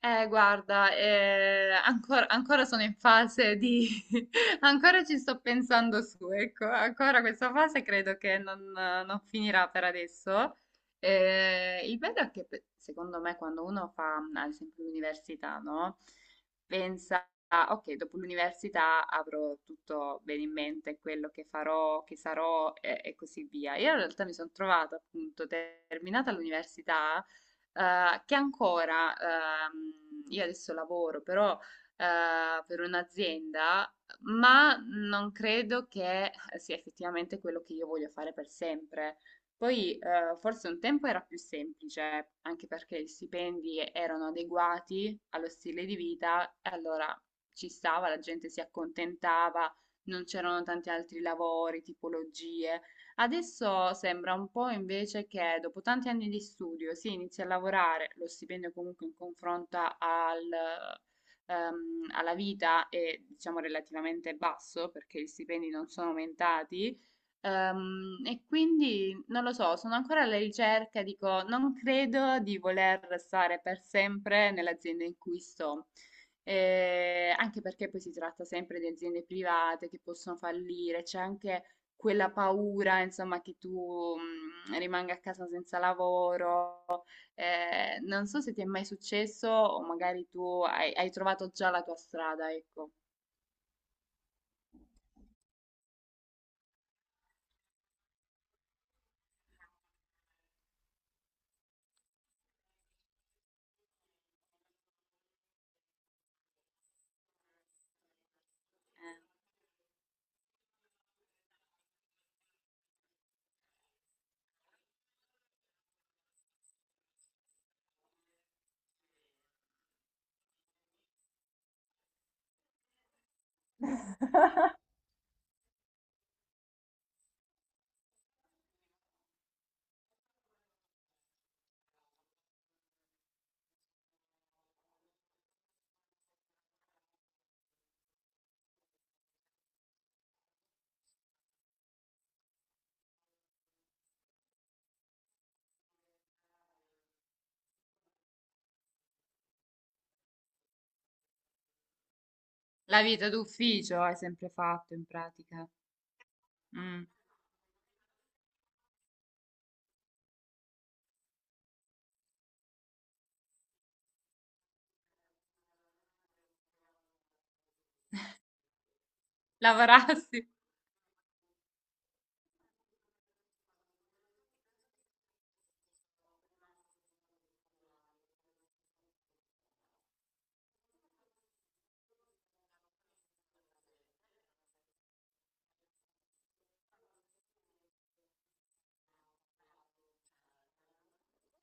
Guarda, ancora sono in fase di... ancora ci sto pensando su, ecco, ancora questa fase credo che non finirà per adesso. Il bello è che secondo me quando uno fa, ad esempio, l'università, no? Pensa, "Ah, ok, dopo l'università avrò tutto bene in mente, quello che farò, che sarò e così via." Io in realtà mi sono trovata appunto terminata l'università, che ancora, io adesso lavoro, però per un'azienda, ma non credo che sia effettivamente quello che io voglio fare per sempre. Poi forse un tempo era più semplice, anche perché gli stipendi erano adeguati allo stile di vita, e allora ci stava, la gente si accontentava, non c'erano tanti altri lavori, tipologie. Adesso sembra un po' invece che dopo tanti anni di studio si inizia a lavorare, lo stipendio comunque in confronto al, alla vita è diciamo relativamente basso perché gli stipendi non sono aumentati. E quindi non lo so, sono ancora alla ricerca, dico, non credo di voler stare per sempre nell'azienda in cui sto. Anche perché poi si tratta sempre di aziende private che possono fallire, c'è anche quella paura, insomma, che tu, rimanga a casa senza lavoro. Non so se ti è mai successo o magari tu hai trovato già la tua strada, ecco. Eh. La vita d'ufficio hai sempre fatto in pratica. Mh. Lavorassi.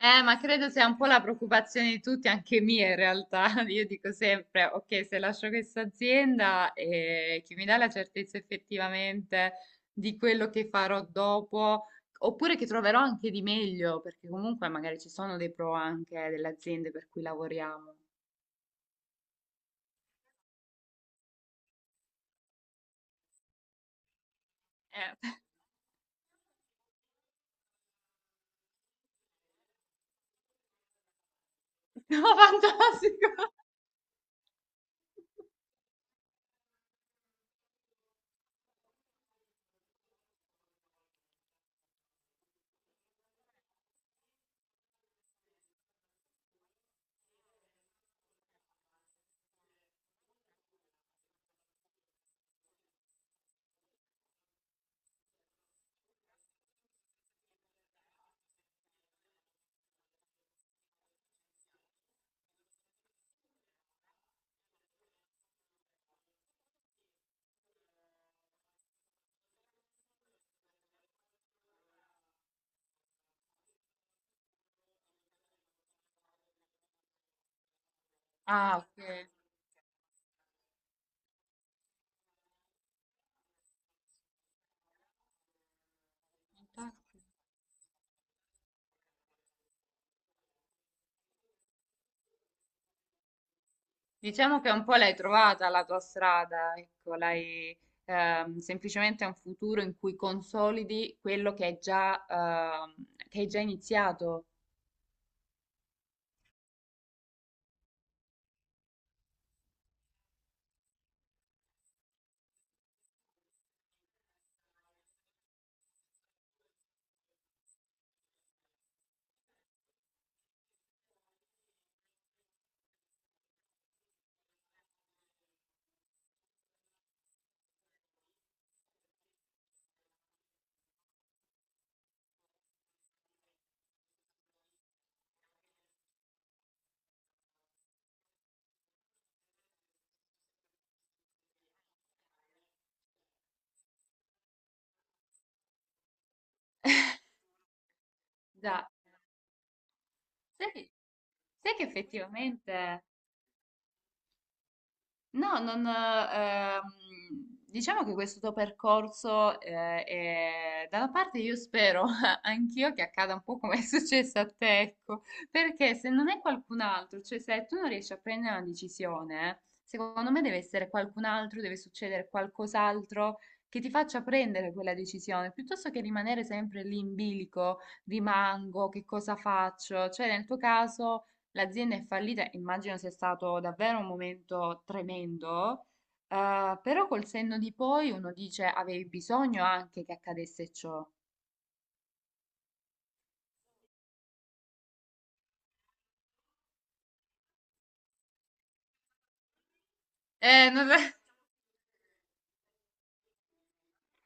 Ma credo sia un po' la preoccupazione di tutti, anche mia in realtà. Io dico sempre, ok, se lascio questa azienda, chi mi dà la certezza effettivamente di quello che farò dopo, oppure che troverò anche di meglio, perché comunque magari ci sono dei pro anche delle aziende per cui lavoriamo. Eh, no, fantastico. Ah, ok. Fantastico. Diciamo che un po' l'hai trovata la tua strada, ecco, l'hai, semplicemente è un futuro in cui consolidi quello che hai già iniziato. Già. Sai, che sai che effettivamente. No, non, diciamo che questo tuo percorso, è- da una parte io spero anch'io che accada un po' come è successo a te, ecco, perché se non è qualcun altro, cioè se tu non riesci a prendere una decisione, secondo me deve essere qualcun altro, deve succedere qualcos'altro che ti faccia prendere quella decisione, piuttosto che rimanere sempre lì in bilico, rimango, che cosa faccio? Cioè nel tuo caso l'azienda è fallita, immagino sia stato davvero un momento tremendo, però col senno di poi uno dice avevi bisogno anche che accadesse ciò. Eh, non-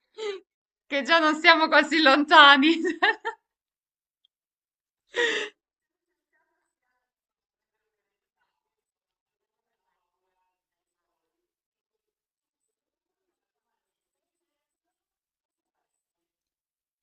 che già non siamo così lontani.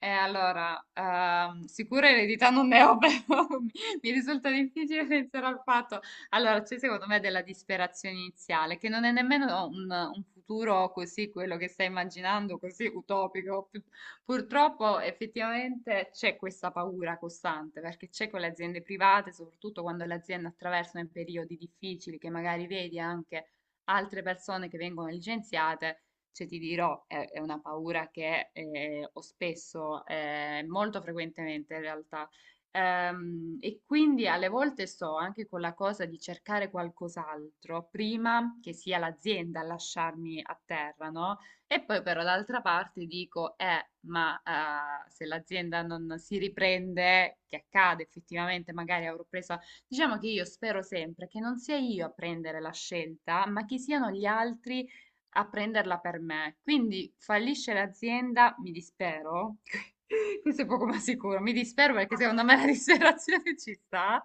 Sicura eredità non ne ho, però mi risulta difficile pensare al fatto. Allora, c'è secondo me della disperazione iniziale, che non è nemmeno un futuro così, quello che stai immaginando, così utopico. Purtroppo effettivamente c'è questa paura costante, perché c'è con le aziende private, soprattutto quando le aziende attraversano i periodi difficili, che magari vedi anche altre persone che vengono licenziate, cioè, ti dirò, è una paura che ho spesso, molto frequentemente in realtà. E quindi alle volte sto anche con la cosa di cercare qualcos'altro prima che sia l'azienda a lasciarmi a terra, no? E poi però d'altra parte dico, se l'azienda non si riprende, che accade effettivamente, magari avrò preso... Diciamo che io spero sempre che non sia io a prendere la scelta, ma che siano gli altri a prenderla per me. Quindi fallisce l'azienda, mi dispero. Questo è poco ma sicuro, mi dispero perché secondo me la disperazione ci sta.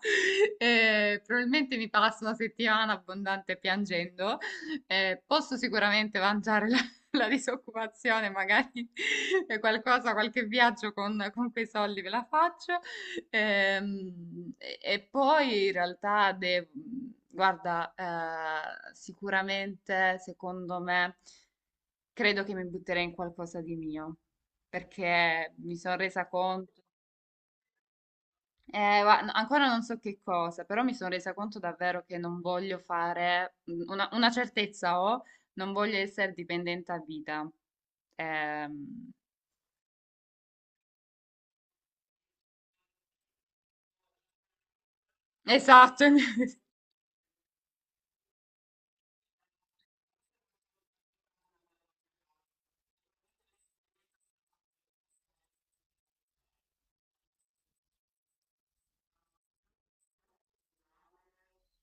Probabilmente mi passo una settimana abbondante piangendo. Posso sicuramente mangiare la, la disoccupazione, magari qualcosa, qualche viaggio con quei soldi ve la faccio. E poi in realtà, guarda, sicuramente, secondo me, credo che mi butterei in qualcosa di mio, perché mi sono resa conto, no, ancora non so che cosa, però mi sono resa conto davvero che non voglio fare, una certezza ho, non voglio essere dipendente a vita. Ehm, esatto.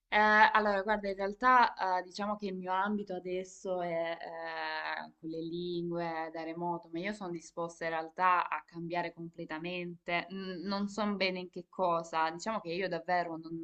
Guarda, in realtà diciamo che il mio ambito adesso è con le lingue da remoto, ma io sono disposta in realtà a cambiare completamente. Non so bene in che cosa, diciamo che io davvero non,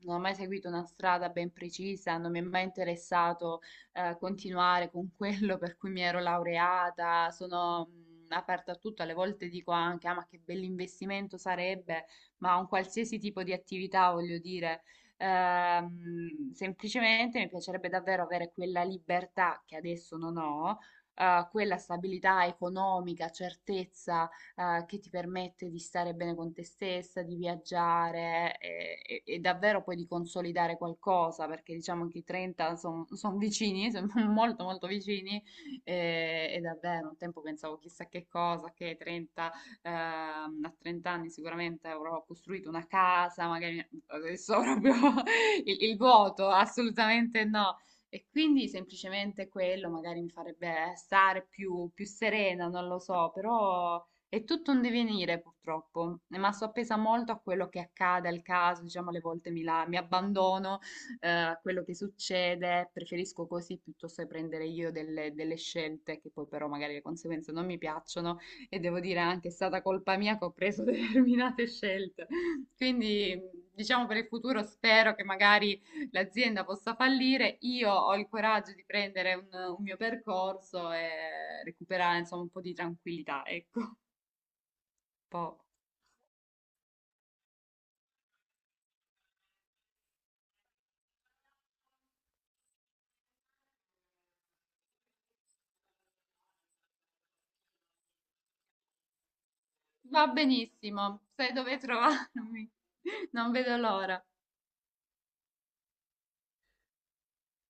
non ho mai seguito una strada ben precisa, non mi è mai interessato continuare con quello per cui mi ero laureata, sono aperta a tutto, alle volte dico anche, ah, ma che bell'investimento sarebbe, ma un qualsiasi tipo di attività, voglio dire. Semplicemente mi piacerebbe davvero avere quella libertà che adesso non ho, quella stabilità economica, certezza, che ti permette di stare bene con te stessa, di viaggiare, e davvero poi di consolidare qualcosa, perché diciamo che i 30 sono vicini, sono molto molto vicini e davvero un tempo pensavo chissà che cosa, che 30, a 30 anni sicuramente avrò costruito una casa, magari adesso ho proprio il vuoto, assolutamente no. E quindi semplicemente quello magari mi farebbe stare più, più serena, non lo so, però è tutto un divenire purtroppo, ma sto appesa molto a quello che accade, al caso, diciamo, alle volte mi, mi abbandono a quello che succede, preferisco così piuttosto che prendere io delle, delle scelte che poi però magari le conseguenze non mi piacciono e devo dire anche è stata colpa mia che ho preso determinate scelte. Quindi diciamo per il futuro spero che magari l'azienda possa fallire, io ho il coraggio di prendere un mio percorso e recuperare insomma un po' di tranquillità, ecco, un po'. Va benissimo, sai dove trovarmi, non vedo l'ora.